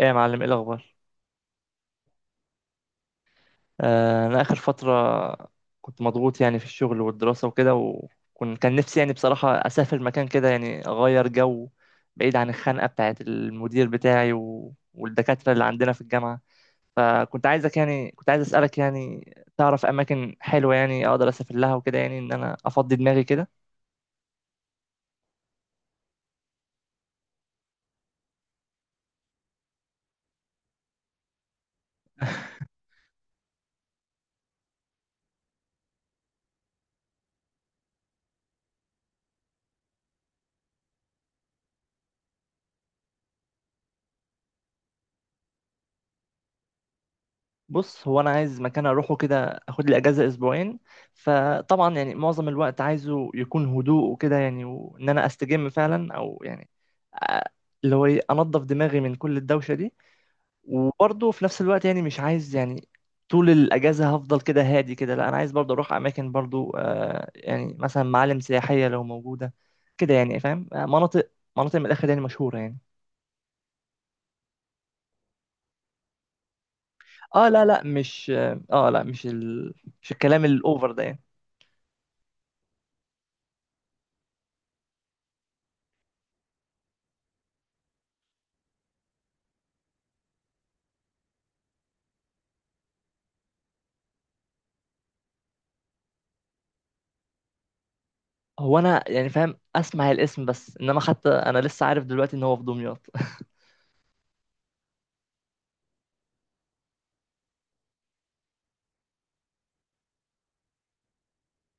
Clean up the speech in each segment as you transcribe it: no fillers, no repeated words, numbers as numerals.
ايه يا معلم، ايه الاخبار؟ انا اخر فتره كنت مضغوط يعني في الشغل والدراسه وكده. كان نفسي يعني بصراحه اسافر مكان كده يعني اغير جو، بعيد عن الخنقه بتاعه المدير بتاعي والدكاتره اللي عندنا في الجامعه. فكنت عايزك يعني كنت عايز اسالك يعني تعرف اماكن حلوه يعني اقدر اسافر لها وكده، يعني ان انا افضي دماغي كده. بص، هو انا عايز مكان اروحه كده، اخد لي اجازه اسبوعين. فطبعا يعني معظم الوقت عايزه يكون هدوء وكده يعني، وان انا استجم فعلا او يعني آه، اللي هو ايه انضف دماغي من كل الدوشه دي. وبرضه في نفس الوقت يعني مش عايز يعني طول الاجازه هفضل كده هادي كده. لا، انا عايز برضه اروح اماكن برضه، يعني مثلا معالم سياحيه لو موجوده كده، يعني فاهم، مناطق من الاخر يعني مشهوره يعني. اه لا لا، مش، لا مش مش الكلام الاوفر ده يعني. هو انا يعني فاهم، اسمع الاسم، بس انما حتى انا لسه عارف دلوقتي ان هو في دمياط.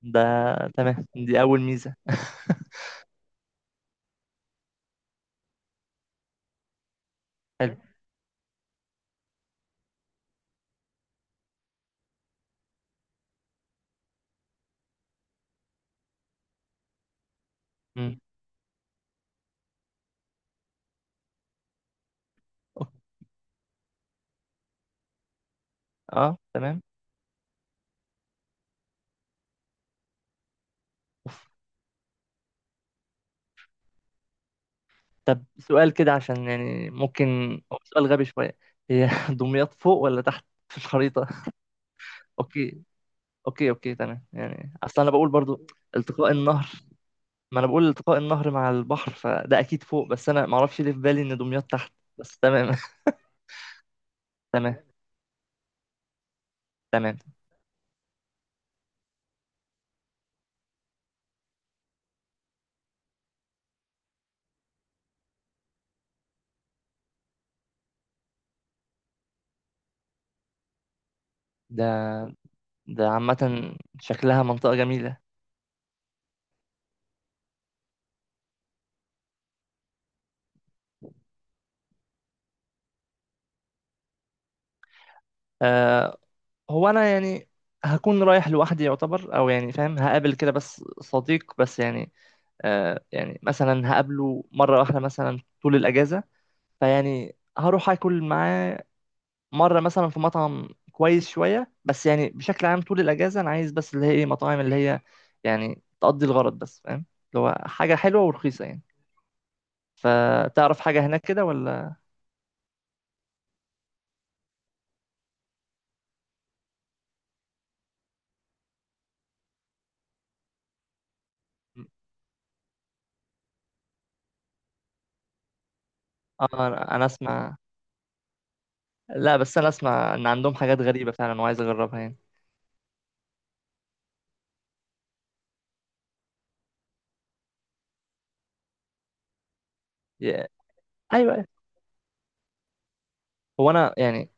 ده تمام، دي اول ميزه. حلو. مم. أوف. اه، تمام. أوف. طب، سؤال كده عشان يعني ممكن، هو سؤال غبي شويه. هي دمياط فوق ولا تحت في الخريطه؟ اوكي، اوكي، اوكي، تمام. يعني اصل انا بقول برضو. التقاء النهر ما انا بقول التقاء النهر مع البحر، فده اكيد فوق. بس انا ما اعرفش ليه في بالي ان دمياط تحت، بس تمام. تمام، تمام. ده ده عامة شكلها منطقة جميلة. أه، هو أنا يعني هكون رايح لوحدي يعتبر، أو يعني فاهم هقابل كده بس صديق، بس يعني أه يعني مثلا هقابله مرة واحدة مثلا طول الأجازة. فيعني هروح أكل معاه مرة مثلا في مطعم كويس شوية. بس يعني بشكل عام طول الأجازة أنا عايز بس اللي هي إيه، مطاعم اللي هي يعني تقضي الغرض بس، فاهم، اللي هو حاجة حلوة ورخيصة يعني. فتعرف حاجة هناك كده ولا؟ آه، أنا أسمع، لا بس انا اسمع ان عندهم حاجات غريبه فعلا، وعايز اجربها يعني. يا- ايوه، هو انا يعني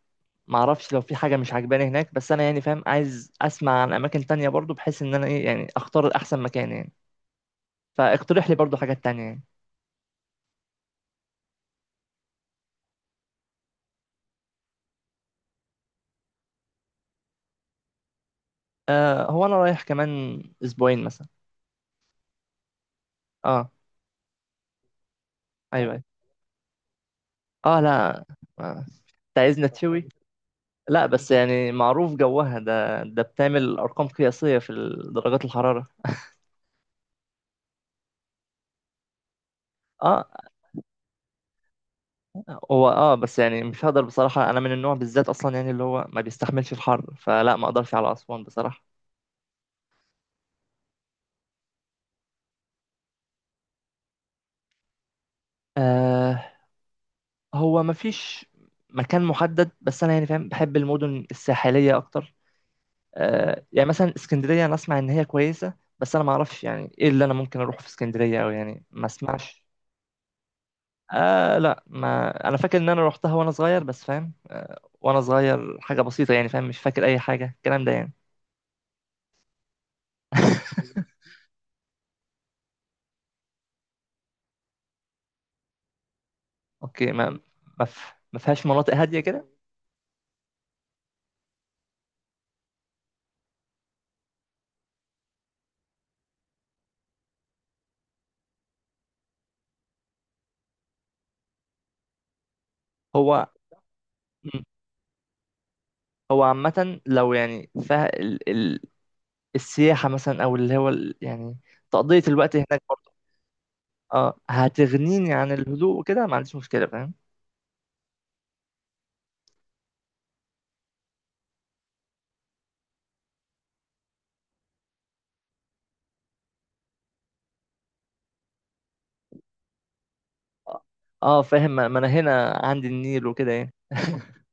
ما اعرفش لو في حاجه مش عجباني هناك، بس انا يعني فاهم عايز اسمع عن اماكن تانية برضو، بحيث ان انا ايه يعني اختار احسن مكان يعني. فاقترح لي برضو حاجات تانية يعني. آه، هو انا رايح كمان اسبوعين مثلا. اه، ايوه، أيوة. اه لا، آه، انت عايزنا تشوي؟ لا بس يعني معروف جوها، ده بتعمل ارقام قياسيه في درجات الحراره. اه، هو بس يعني مش هقدر بصراحة، انا من النوع بالذات اصلا يعني اللي هو ما بيستحملش الحر، فلا ما اقدرش على اسوان بصراحة. آه، هو ما فيش مكان محدد، بس انا يعني فاهم بحب المدن الساحلية اكتر. آه، يعني مثلا اسكندرية انا اسمع ان هي كويسة، بس انا ما اعرفش يعني ايه اللي انا ممكن اروحه في اسكندرية، او يعني ما اسمعش. آه لا، ما انا فاكر ان انا روحتها وانا صغير، بس فاهم وانا صغير حاجة بسيطة يعني، فاهم مش فاكر اي حاجة الكلام ده يعني. اوكي، ما فيهاش مناطق هادية كده؟ هو. مم. هو عامة لو يعني السياحة مثلا، أو اللي هو يعني تقضية الوقت هناك برضه. اه، هتغنيني عن الهدوء وكده، ما عنديش مشكلة، فاهم. اه، فاهم، ما أنا هنا عندي النيل وكده يعني.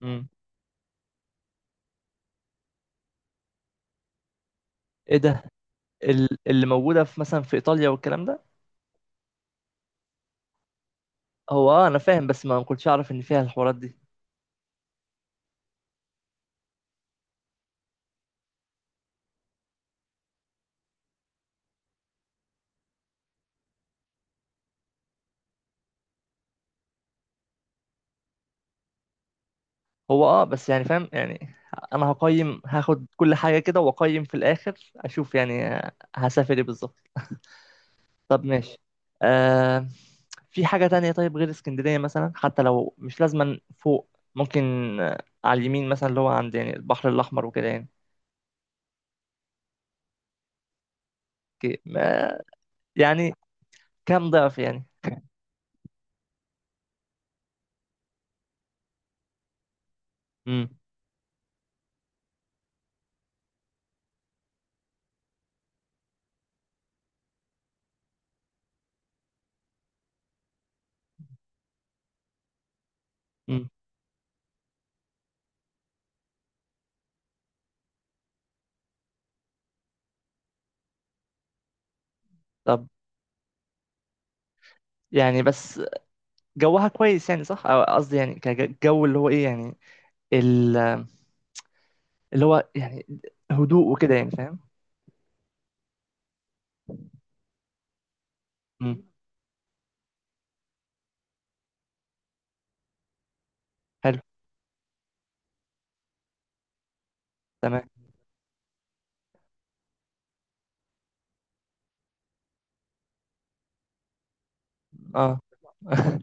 مم. ايه ده، اللي موجودة في مثلا في إيطاليا والكلام ده؟ هو اه أنا فاهم، بس ما كنتش أعرف إن فيها الحوارات دي. هو اه بس يعني فاهم يعني، أنا هقيم، هاخد كل حاجة كده وأقيم في الآخر أشوف يعني. هسافر ايه بالظبط. طب ماشي. آه، في حاجة تانية طيب غير اسكندرية مثلا، حتى لو مش لازما فوق. ممكن على اليمين مثلا، اللي هو عند يعني البحر الأحمر وكده يعني. اوكي، يعني كام ضعف يعني؟ امم امم طب، يعني بس جوها كويس يعني صح، أو قصدي يعني كجو اللي هو ايه يعني، ال- اللي هو يعني هدوء وكده يعني، فاهم. امم حلو، تمام، اه.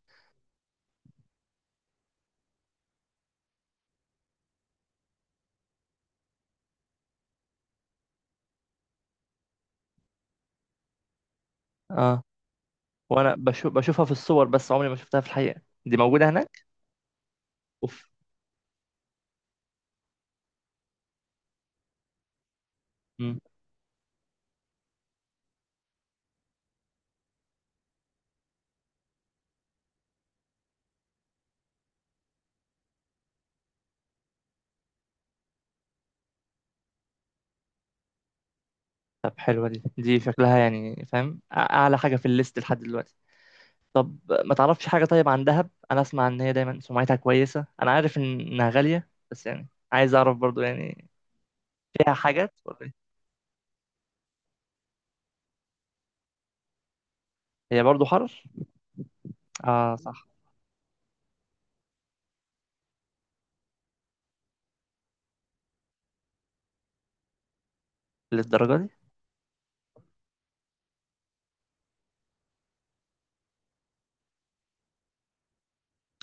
اه، وانا بشوفها في الصور بس عمري ما شفتها في الحقيقة. دي موجودة هناك؟ اوف. طب، حلوة دي شكلها يعني فاهم أعلى حاجة في الليست لحد دلوقتي. طب ما تعرفش حاجة طيب عن دهب؟ أنا أسمع إن هي دايما سمعتها كويسة، أنا عارف إنها غالية، بس يعني عايز أعرف برضو يعني. فيها حاجات ولا إيه؟ هي برضو حر؟ آه صح. للدرجة دي؟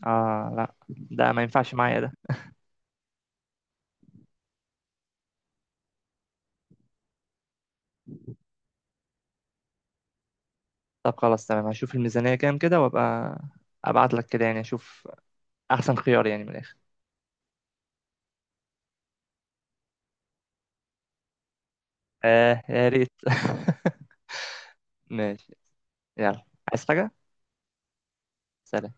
آه لا، ده ما ينفعش معايا ده. طب خلاص، تمام. هشوف الميزانية كام كده، وأبقى أبعت لك كده يعني، أشوف أحسن خيار يعني من الآخر. آه يا ريت. ماشي، يلا. عايز حاجة؟ سلام.